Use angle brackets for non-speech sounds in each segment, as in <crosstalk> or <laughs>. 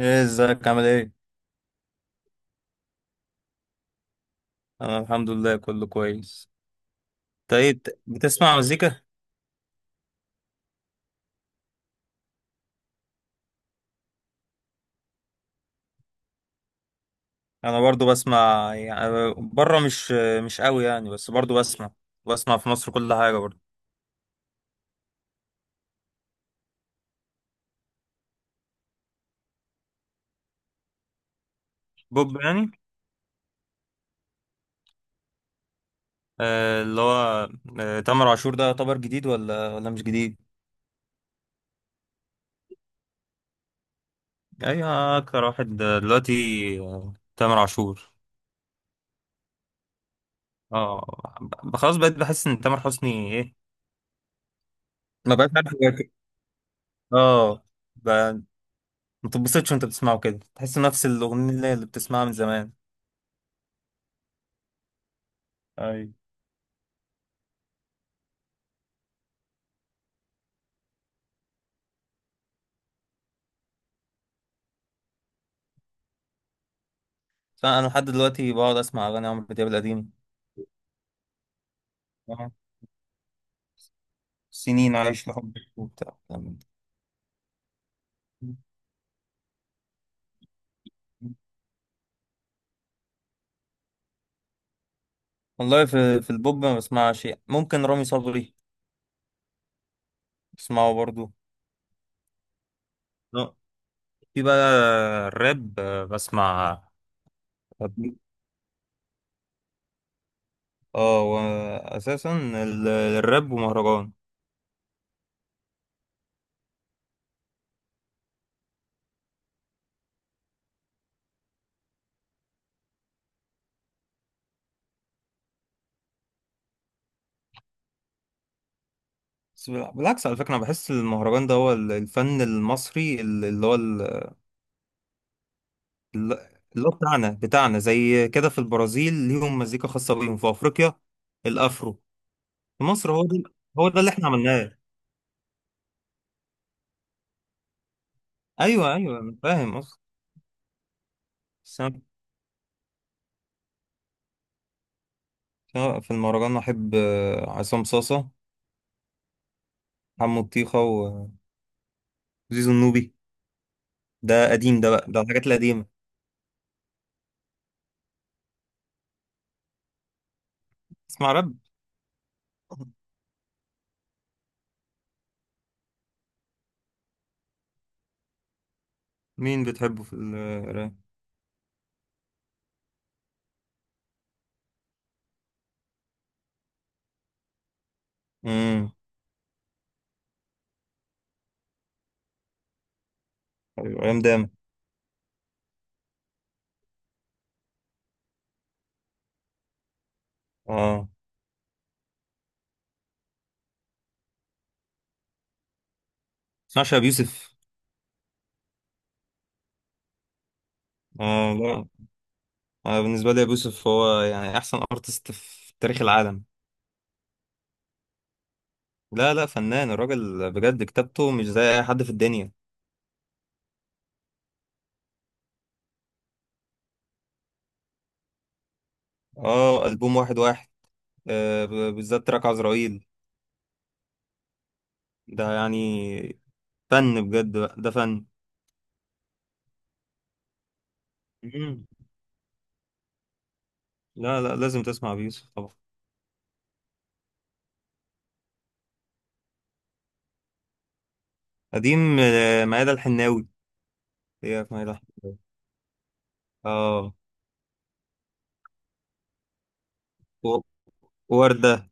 ايه، ازيك؟ عامل ايه؟ انا الحمد لله، كله كويس. طيب، بتسمع مزيكا؟ انا برضو بسمع يعني بره، مش قوي يعني، بس برضو بسمع. بسمع في مصر كل حاجه برضو. بوب يعني. آه، اللي هو. آه، تامر عاشور ده يعتبر جديد، ولا مش جديد؟ ايوه، اكتر واحد دلوقتي. آه، تامر عاشور. اه، خلاص بقيت بحس ان تامر حسني، ايه؟ ما بقاش عارف يواكب. اه، ب- ما تتبسطش وانت بتسمعه كده، تحس نفس الاغنيه اللي بتسمعها من زمان. أي. بس انا لحد دلوقتي بقعد اسمع اغاني عمرو دياب القديم. آه. سنين عايش لحبك وبتاع كلام من ده. <laughs> والله، في البوب ما بسمعش شيء، ممكن رامي صبري. بسمعه برضو. لا، في بقى الراب، بسمع راب. اه، واساسا الراب ومهرجان. بس بالعكس على فكره، انا بحس المهرجان ده هو الفن المصري، اللي هو بتاعنا بتاعنا، زي كده. في البرازيل ليهم مزيكا خاصه بيهم، في افريقيا الافرو. في مصر هو ده، هو ده اللي احنا عملناه. ايوه، ايوه، انا فاهم قصدي. بس أنا، سواء في المهرجان، احب عصام صاصه، حمو الطيخه، وزيزو النوبي. ده قديم، ده بقى ده الحاجات القديمه. اسمع راب. مين بتحبه في الراب؟ امم أيوة، ايام داما. اه، تسمعش ابو يوسف؟ اه، لا، بالنسبه لي ابو يوسف هو يعني احسن ارتست في تاريخ العالم. لا، لا، فنان الراجل بجد، كتابته مش زي اي حد في الدنيا. اه، البوم واحد واحد. بالذات تراك عزرائيل. ده يعني فن بجد بقى، ده فن. مم. لا، لا، لازم تسمع أبي يوسف طبعا. قديم، ميادة الحناوي. هي في ميادة الحناوي. اه، و- وردة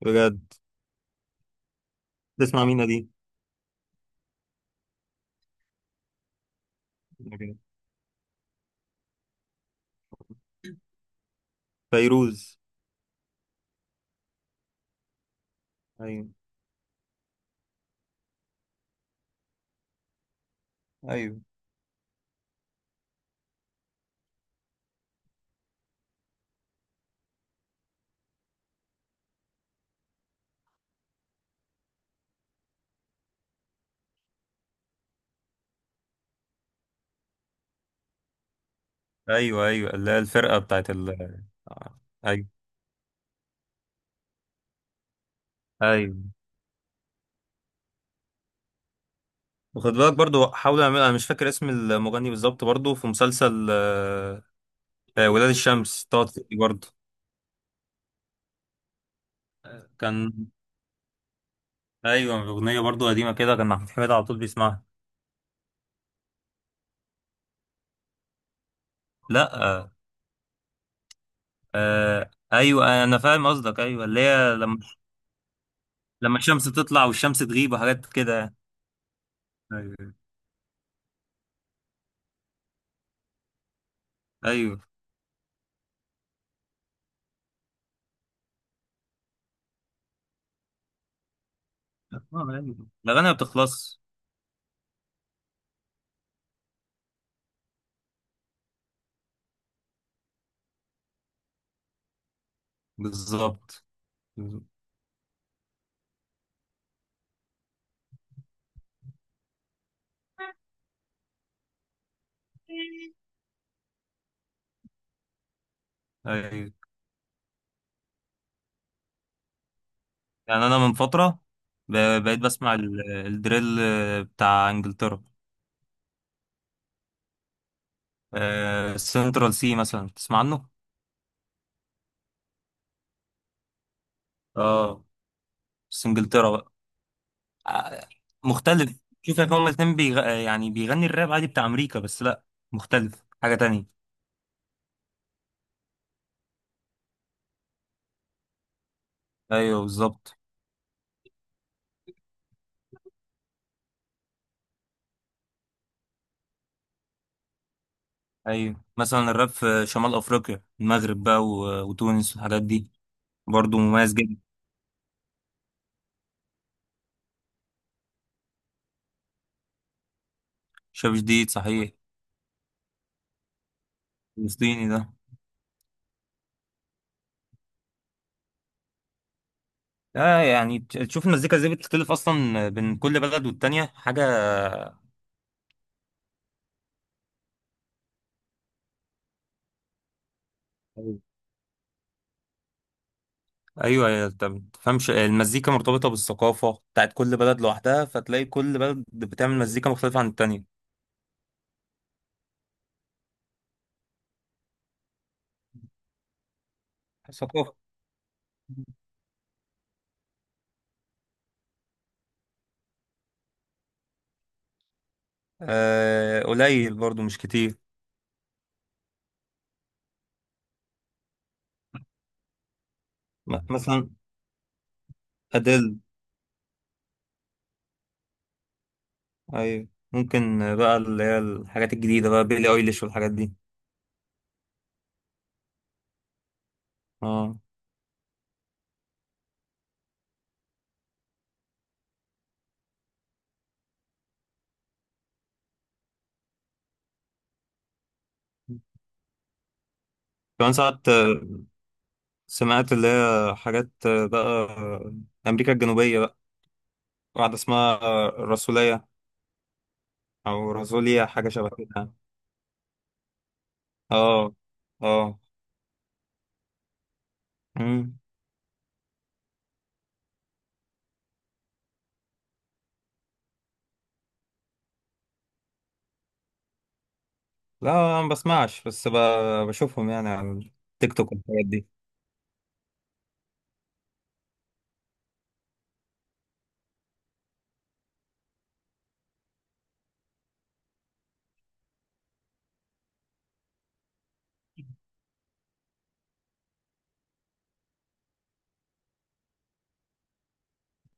بجد. تسمع مين دي؟ فيروز. ايوه، ايوه، ايوه، ايوه، اللي هي الفرقة بتاعت ال، آه، ايوه، ايوه، وخد بالك برضو، حاول اعمل، انا مش فاكر اسم المغني بالظبط برضو، في مسلسل ولاد الشمس طاطي برضو. كان. ايوه، اغنيه برضو قديمه كده، كان محمود حميد على طول بيسمعها. لا، آه، آه، ايوه انا فاهم قصدك، ايوه اللي هي لما الشمس تطلع والشمس تغيب وحاجات كده يعني. ايوه، ايوه، آه، أيوة. الاغاني ما بتخلص. بالظبط، بالظبط. ايوه، يعني انا من فتره بقيت بسمع الدريل بتاع انجلترا. سنترال سي مثلا، تسمع عنه؟ اه، بس انجلترا بقى، آه، مختلف. شوف، يا هما الاتنين يعني بيغني الراب عادي بتاع امريكا، بس لا، مختلف، حاجه تانية. ايوه، بالظبط. ايوه، مثلا الراب في شمال افريقيا، المغرب بقى وتونس والحاجات دي، برضه مميز جدا. شاب جديد، صحيح. فلسطيني ده. اه، يعني تشوف المزيكا ازاي بتختلف اصلا بين كل بلد والتانية، حاجة. ايوه، ايوه، انت ما تفهمش المزيكا مرتبطة بالثقافة بتاعت كل بلد لوحدها، فتلاقي كل بلد بتعمل مزيكا مختلفة عن التانية. ثقافة. آه، قليل برضو مش كتير. مثلا أديل. أيوة، ممكن بقى اللي هي الحاجات الجديدة بقى، بيلي أيليش والحاجات دي. اه، كمان ساعات سمعت اللي هي حاجات بقى، أمريكا الجنوبية بقى، واحدة اسمها الرسولية، أو رسولية، حاجة شبه كده يعني. اه، اه. مم. لا، أنا ما بسمعش، بس بشوفهم يعني على التيك توك والحاجات دي.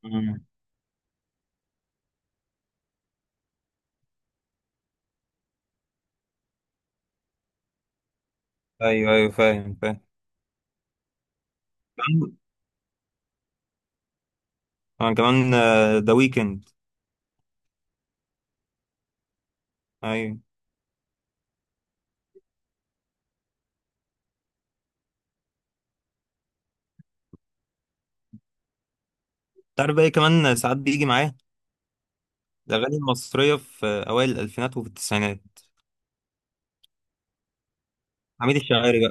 مم. أيوه، أيوه، فاهم، فاهم. أنا كمان. ذا ويكند. أيوه. تعرف بقى إيه؟ كمان ساعات بيجي معاه الأغاني المصرية في أوائل الألفينات وفي التسعينات. حميد الشاعري.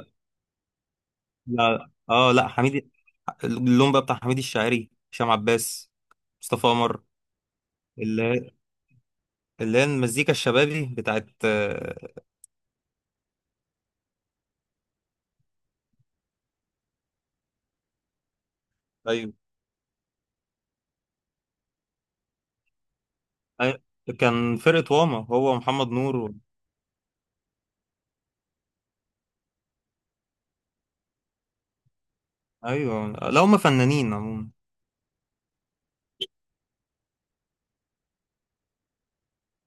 لا، اه، لا، حميد. اللون بقى بتاع حميد الشاعري، هشام عباس، مصطفى قمر. اللي اللي هي المزيكا الشبابي بتاعت، ايوه، أي- كان فرقة واما هو محمد نور ايوه، لا، هم فنانين عموما.